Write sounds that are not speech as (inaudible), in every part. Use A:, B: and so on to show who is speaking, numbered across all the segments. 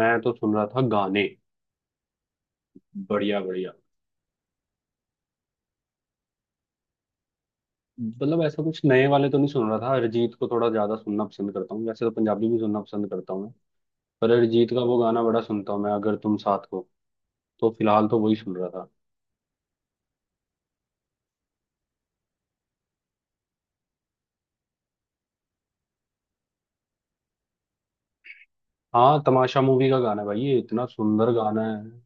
A: मैं तो सुन रहा था गाने। बढ़िया बढ़िया। मतलब ऐसा कुछ नए वाले तो नहीं सुन रहा था। अरिजीत को थोड़ा ज्यादा सुनना पसंद करता हूँ। वैसे तो पंजाबी भी सुनना पसंद करता हूँ मैं। पर अरिजीत का वो गाना बड़ा सुनता हूँ मैं, अगर तुम साथ हो। तो फिलहाल तो वही सुन रहा था। हाँ, तमाशा मूवी का गाना है भाई। ये इतना सुंदर गाना है।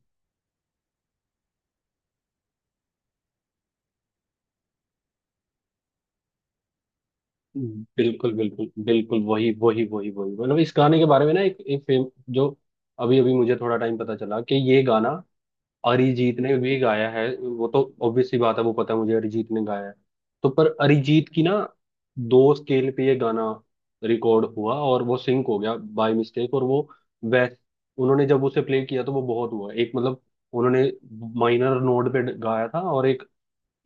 A: बिल्कुल बिल्कुल बिल्कुल वही वही वही वही। मतलब इस गाने के बारे में ना एक एक फेम जो अभी अभी मुझे थोड़ा टाइम पता चला कि ये गाना अरिजीत ने भी गाया है। वो तो ऑब्वियस सी बात है, वो पता है मुझे अरिजीत ने गाया है। तो पर अरिजीत की ना दो स्केल पे ये गाना रिकॉर्ड हुआ और वो सिंक हो गया बाय मिस्टेक। और वो वैस उन्होंने जब उसे प्ले किया तो वो बहुत हुआ एक मतलब उन्होंने माइनर नोड पे गाया था और एक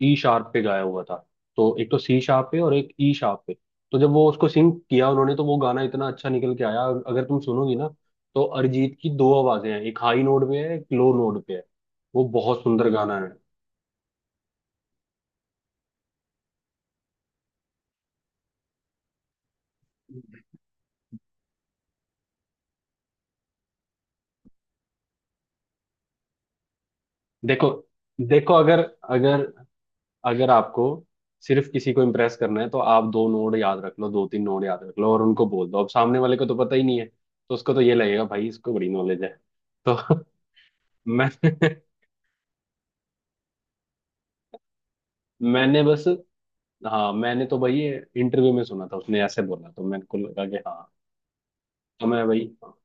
A: ई शार्प पे गाया हुआ था। तो एक तो सी शार्प पे और एक ई शार्प पे। तो जब वो उसको सिंग किया उन्होंने तो वो गाना इतना अच्छा निकल के आया। और अगर तुम सुनोगी ना तो अरिजीत की दो आवाजें हैं, एक हाई नोट पे है एक लो नोट पे है। वो बहुत सुंदर गाना है। देखो। देखो अगर अगर अगर आपको सिर्फ किसी को इम्प्रेस करना है तो आप दो नोड याद रख लो, दो तीन नोड याद रख लो और उनको बोल दो। अब सामने वाले को तो पता ही नहीं है तो उसको तो ये लगेगा भाई इसको बड़ी नॉलेज है। तो (laughs) मैं मैंने बस, हाँ मैंने तो भाई इंटरव्यू में सुना था। उसने ऐसे बोला तो मेरे को लगा कि हाँ। तो मैं भाई हाँ।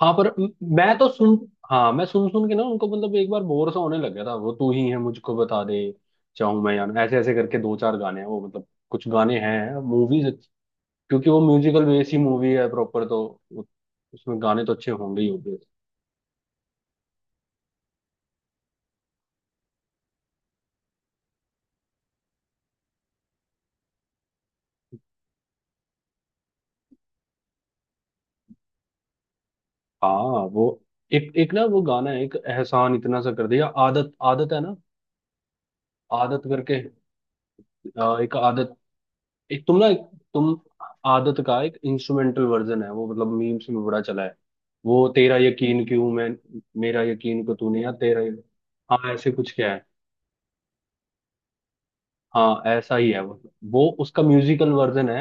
A: हाँ, पर मैं तो सुन, हाँ मैं सुन सुन के ना उनको मतलब एक बार बोर सा होने लग गया था। वो तू ही है मुझको बता दे, चाहूं मैं या ना, ऐसे ऐसे करके दो चार गाने हैं वो। मतलब कुछ गाने हैं मूवीज क्योंकि वो म्यूजिकल बेस ही मूवी है प्रॉपर। तो उ- उसमें गाने तो अच्छे होंगे ही होंगे। हाँ, वो एक एक ना वो गाना है, एक एहसान इतना सा कर दिया, आदत आदत है ना, आदत करके। एक आदत, एक तुम ना, एक तुम आदत का एक इंस्ट्रूमेंटल वर्जन है वो। मतलब मीम्स में बड़ा चला है। वो तेरा यकीन क्यों मैं मेरा यकीन को तूने, या तेरा यकीन-। हाँ ऐसे कुछ क्या है। हाँ ऐसा ही है वो। वो उसका म्यूजिकल वर्जन है।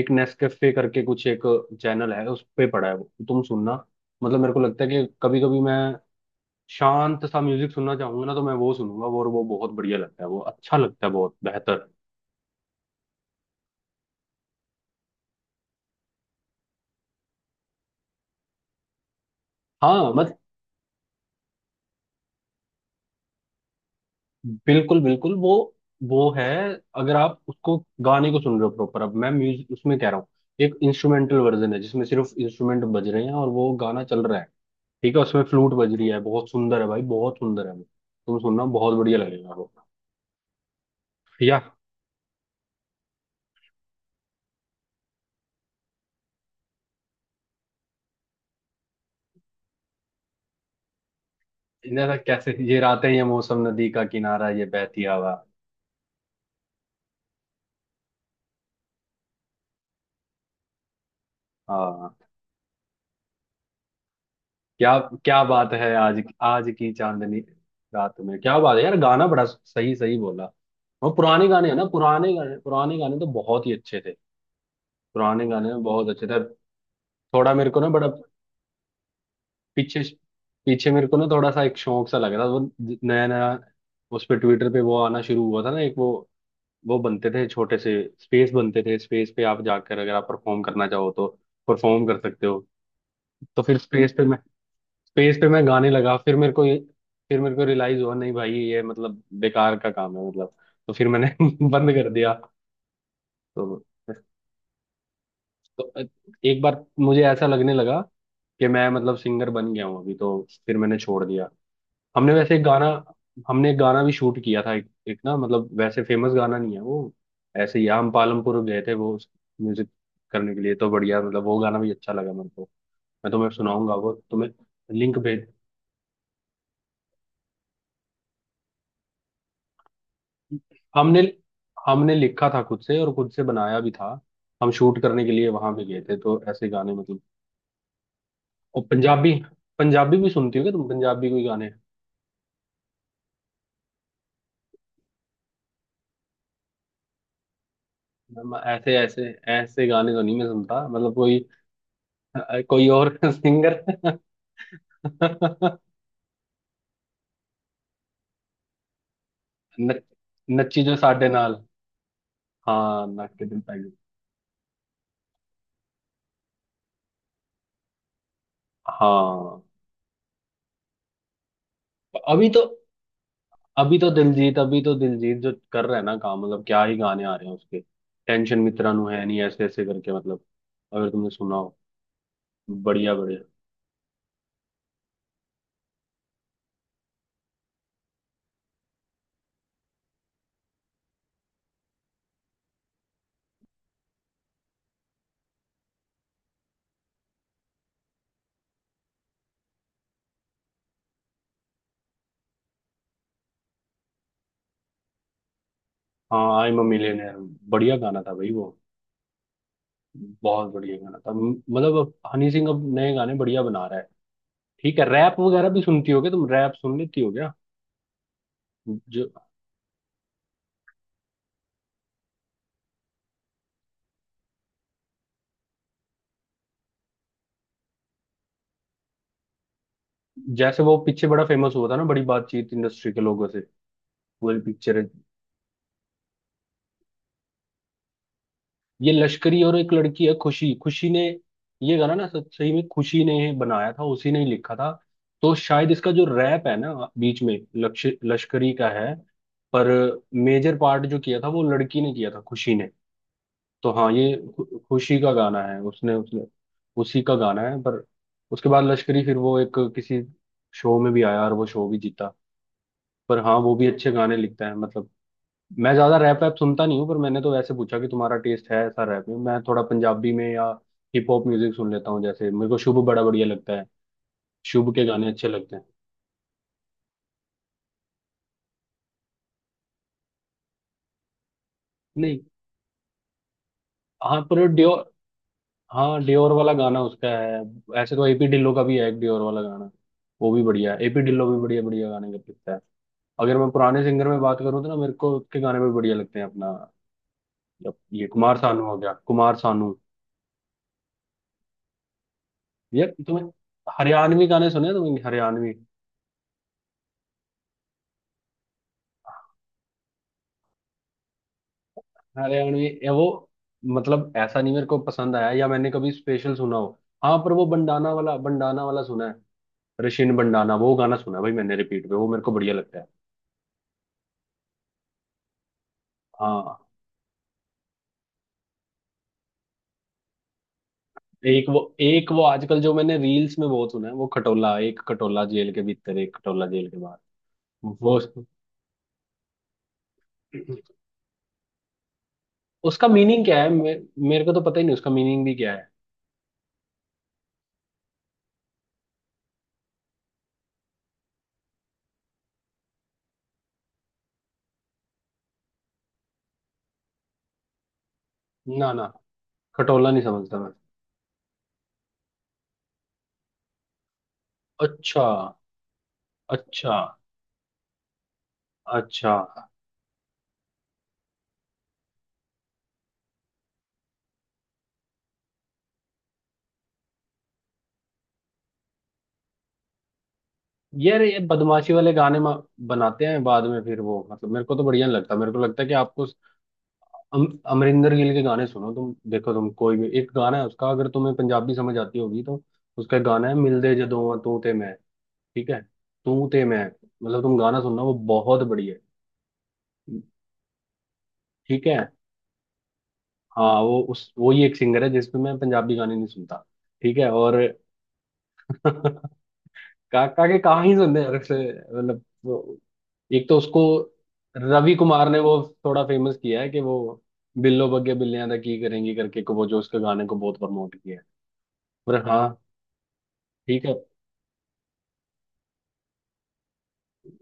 A: एक नेस्कैफे करके कुछ एक चैनल है उस पे पड़ा है वो, तुम सुनना। मतलब मेरे को लगता है कि कभी कभी मैं शांत सा म्यूजिक सुनना चाहूंगा ना तो मैं वो सुनूंगा। वो और वो बहुत बढ़िया लगता है। वो अच्छा लगता है, बहुत बेहतर। हाँ बिल्कुल बिल्कुल, वो है। अगर आप उसको गाने को सुन रहे हो प्रॉपर, अब मैं म्यूजिक उसमें कह रहा हूँ। एक इंस्ट्रूमेंटल वर्जन है जिसमें सिर्फ इंस्ट्रूमेंट बज रहे हैं और वो गाना चल रहा है। ठीक है, उसमें फ्लूट बज रही है। बहुत सुंदर है भाई, बहुत सुंदर है वो। तुम सुनना, बहुत बढ़िया लगेगा वो। या इन्हें था कैसे, ये रातें ये मौसम नदी का किनारा ये बहती हवा। हाँ क्या क्या बात है, आज आज की चांदनी रात में क्या बात है यार, गाना बड़ा सही सही बोला। और पुराने गाने हैं ना, पुराने गाने तो बहुत ही अच्छे थे। पुराने गाने में बहुत अच्छे थे। थोड़ा मेरे को ना बड़ा पीछे, पीछे मेरे को ना थोड़ा सा एक शौक सा लग रहा था वो, नया नया उस पे ट्विटर पे वो आना शुरू हुआ था ना एक वो बनते थे छोटे से स्पेस बनते थे। स्पेस पे आप जाकर अगर आप परफॉर्म करना चाहो तो परफॉर्म कर सकते हो। तो फिर स्पेस पे मैं, स्पेस पे मैं गाने लगा। फिर मेरे को ये, फिर मेरे को रियलाइज हुआ नहीं भाई ये मतलब बेकार का काम है मतलब। तो फिर मैंने (laughs) बंद कर दिया। तो, तो एक बार मुझे ऐसा लगने लगा कि मैं मतलब सिंगर बन गया हूँ अभी। तो फिर मैंने छोड़ दिया। हमने वैसे एक गाना, हमने एक गाना भी शूट किया था एक, एक ना मतलब वैसे फेमस गाना नहीं है वो। ऐसे ही हम पालमपुर गए थे वो म्यूजिक करने के लिए। तो बढ़िया, मतलब वो गाना भी अच्छा लगा मेरे को। मैं तुम्हें सुनाऊंगा वो, तुम्हें लिंक भेज। हमने हमने लिखा था खुद से और खुद से बनाया भी था। हम शूट करने के लिए वहां भी गए थे। तो ऐसे गाने मतलब। और पंजाबी, पंजाबी भी सुनती हो क्या तुम, पंजाबी कोई गाने? मैं ऐसे ऐसे ऐसे गाने तो नहीं मैं सुनता मतलब कोई। कोई और (laughs) सिंगर। न, नच्ची जो साडे नाल, हाँ नाच के दिल पै गई। हाँ, अभी तो अभी तो दिलजीत जो कर रहा है ना काम, मतलब क्या ही गाने आ रहे हैं उसके। टेंशन मित्रा नु है नहीं, ऐसे ऐसे करके मतलब, अगर तुमने सुना हो। बढ़िया बढ़िया। हाँ आई एम मिलियनेयर, बढ़िया गाना था भाई वो। बहुत बढ़िया गाना था। मतलब अब हनी सिंह अब नए गाने बढ़िया बना रहा है। ठीक है, रैप वगैरह भी सुनती हो क्या तुम, रैप सुन लेती हो क्या? जो जैसे वो पीछे बड़ा फेमस हुआ था ना, बड़ी बातचीत इंडस्ट्री के लोगों से, वो वाली पिक्चर है। ये लश्करी और एक लड़की है खुशी, खुशी ने ये गाना ना सही में खुशी ने बनाया था, उसी ने ही लिखा था। तो शायद इसका जो रैप है ना बीच में लक्ष, लश्करी का है। पर मेजर पार्ट जो किया था वो लड़की ने किया था खुशी ने। तो हाँ ये खुशी का गाना है, उसने उसने उसी का गाना है। पर उसके बाद लश्करी फिर वो एक किसी शो में भी आया और वो शो भी जीता। पर हाँ वो भी अच्छे गाने लिखता है मतलब। मैं ज्यादा रैप वैप सुनता नहीं हूँ, पर मैंने तो वैसे पूछा कि तुम्हारा टेस्ट है ऐसा रैप में। मैं थोड़ा पंजाबी में या हिप हॉप म्यूजिक सुन लेता हूँ। जैसे मेरे को शुभ बड़ा बढ़िया लगता है, शुभ के गाने अच्छे लगते हैं। नहीं, हाँ पर डियोर, हाँ डियोर वाला गाना उसका है। ऐसे तो एपी ढिल्लो का भी है एक डियोर वाला गाना, वो भी बढ़िया है। एपी ढिल्लो भी बढ़िया बढ़िया गाने कर सकता है। अगर मैं पुराने सिंगर में बात करूँ तो ना मेरे को उसके गाने भी बढ़िया लगते हैं अपना। जब ये कुमार सानू हो गया, कुमार सानू। यार तुम्हें हरियाणवी गाने सुने हैं तुमने, हरियाणवी? हरियाणवी ये वो, मतलब ऐसा नहीं मेरे को पसंद आया या मैंने कभी स्पेशल सुना हो। हाँ पर वो बंडाना वाला, बंडाना वाला सुना है, रशियन बंडाना वो गाना सुना है भाई मैंने रिपीट पे, वो मेरे को बढ़िया लगता है। हाँ, एक वो, एक वो आजकल जो मैंने रील्स में बहुत सुना है वो खटोला, एक खटोला जेल के भीतर एक खटोला जेल के बाहर। वो उसका मीनिंग क्या है मेरे को तो पता ही नहीं उसका मीनिंग भी क्या है। ना ना, खटोला नहीं समझता मैं। अच्छा अच्छा अच्छा। यार ये बदमाशी वाले गाने बनाते हैं बाद में फिर वो, मतलब मेरे को तो बढ़िया नहीं लगता। मेरे को लगता है कि आपको अमरिंदर गिल के गाने सुनो तुम, देखो तुम कोई भी एक गाना है उसका, अगर तुम्हें पंजाबी समझ आती होगी तो। उसका एक गाना है मिलदे जदों तू ते मैं, ठीक है, तू ते मैं, मतलब तुम गाना सुनना, वो बहुत बढ़िया है। ठीक है हाँ, वो उस वो ही एक सिंगर है जिसपे मैं पंजाबी गाने नहीं सुनता, ठीक है। और (laughs) काका के कहाँ ही सुनने हैं अक्सर मतलब। एक तो उसको रवि कुमार ने वो थोड़ा फेमस किया है कि वो बिल्लो बग्गे बिल्लियां दा की करेंगी करके को, वो जो उसके गाने को बहुत प्रमोट किया है। पर हाँ, ठीक है।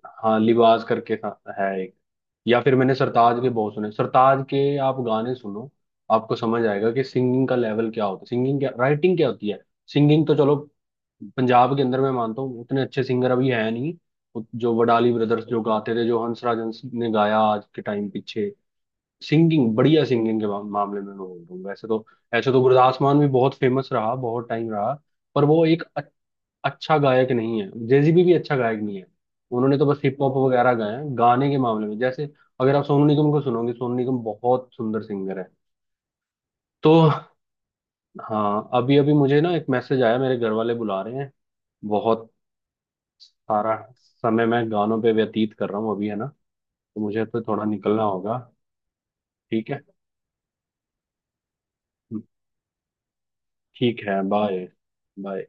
A: हाँ लिबास करके था है एक, या फिर मैंने सरताज के बहुत सुने, सरताज के आप गाने सुनो, आपको समझ आएगा कि सिंगिंग का लेवल क्या होता है, सिंगिंग क्या राइटिंग क्या होती है। सिंगिंग तो चलो, पंजाब के अंदर मैं मानता हूँ उतने अच्छे सिंगर अभी है नहीं, जो वडाली ब्रदर्स जो गाते थे, जो हंसराज हंस ने गाया आज के टाइम पीछे। सिंगिंग बढ़िया, सिंगिंग के मामले में मैं बोल रहा हूँ वैसे तो। ऐसे तो गुरदास मान भी बहुत फेमस रहा, बहुत टाइम रहा। पर वो एक अच्छा गायक नहीं है, जेजीबी भी अच्छा गायक नहीं है। उन्होंने तो बस हिप हॉप वगैरह गाए हैं, गाने के मामले में जैसे अगर आप सोनू निगम को सुनोगे, सोनू निगम बहुत सुंदर सिंगर है। तो हाँ, अभी अभी मुझे ना एक मैसेज आया, मेरे घर वाले बुला रहे हैं। बहुत सारा समय मैं गानों पे व्यतीत कर रहा हूँ अभी है ना, तो मुझे तो थोड़ा निकलना होगा। ठीक है। ठीक है, बाय। बाय।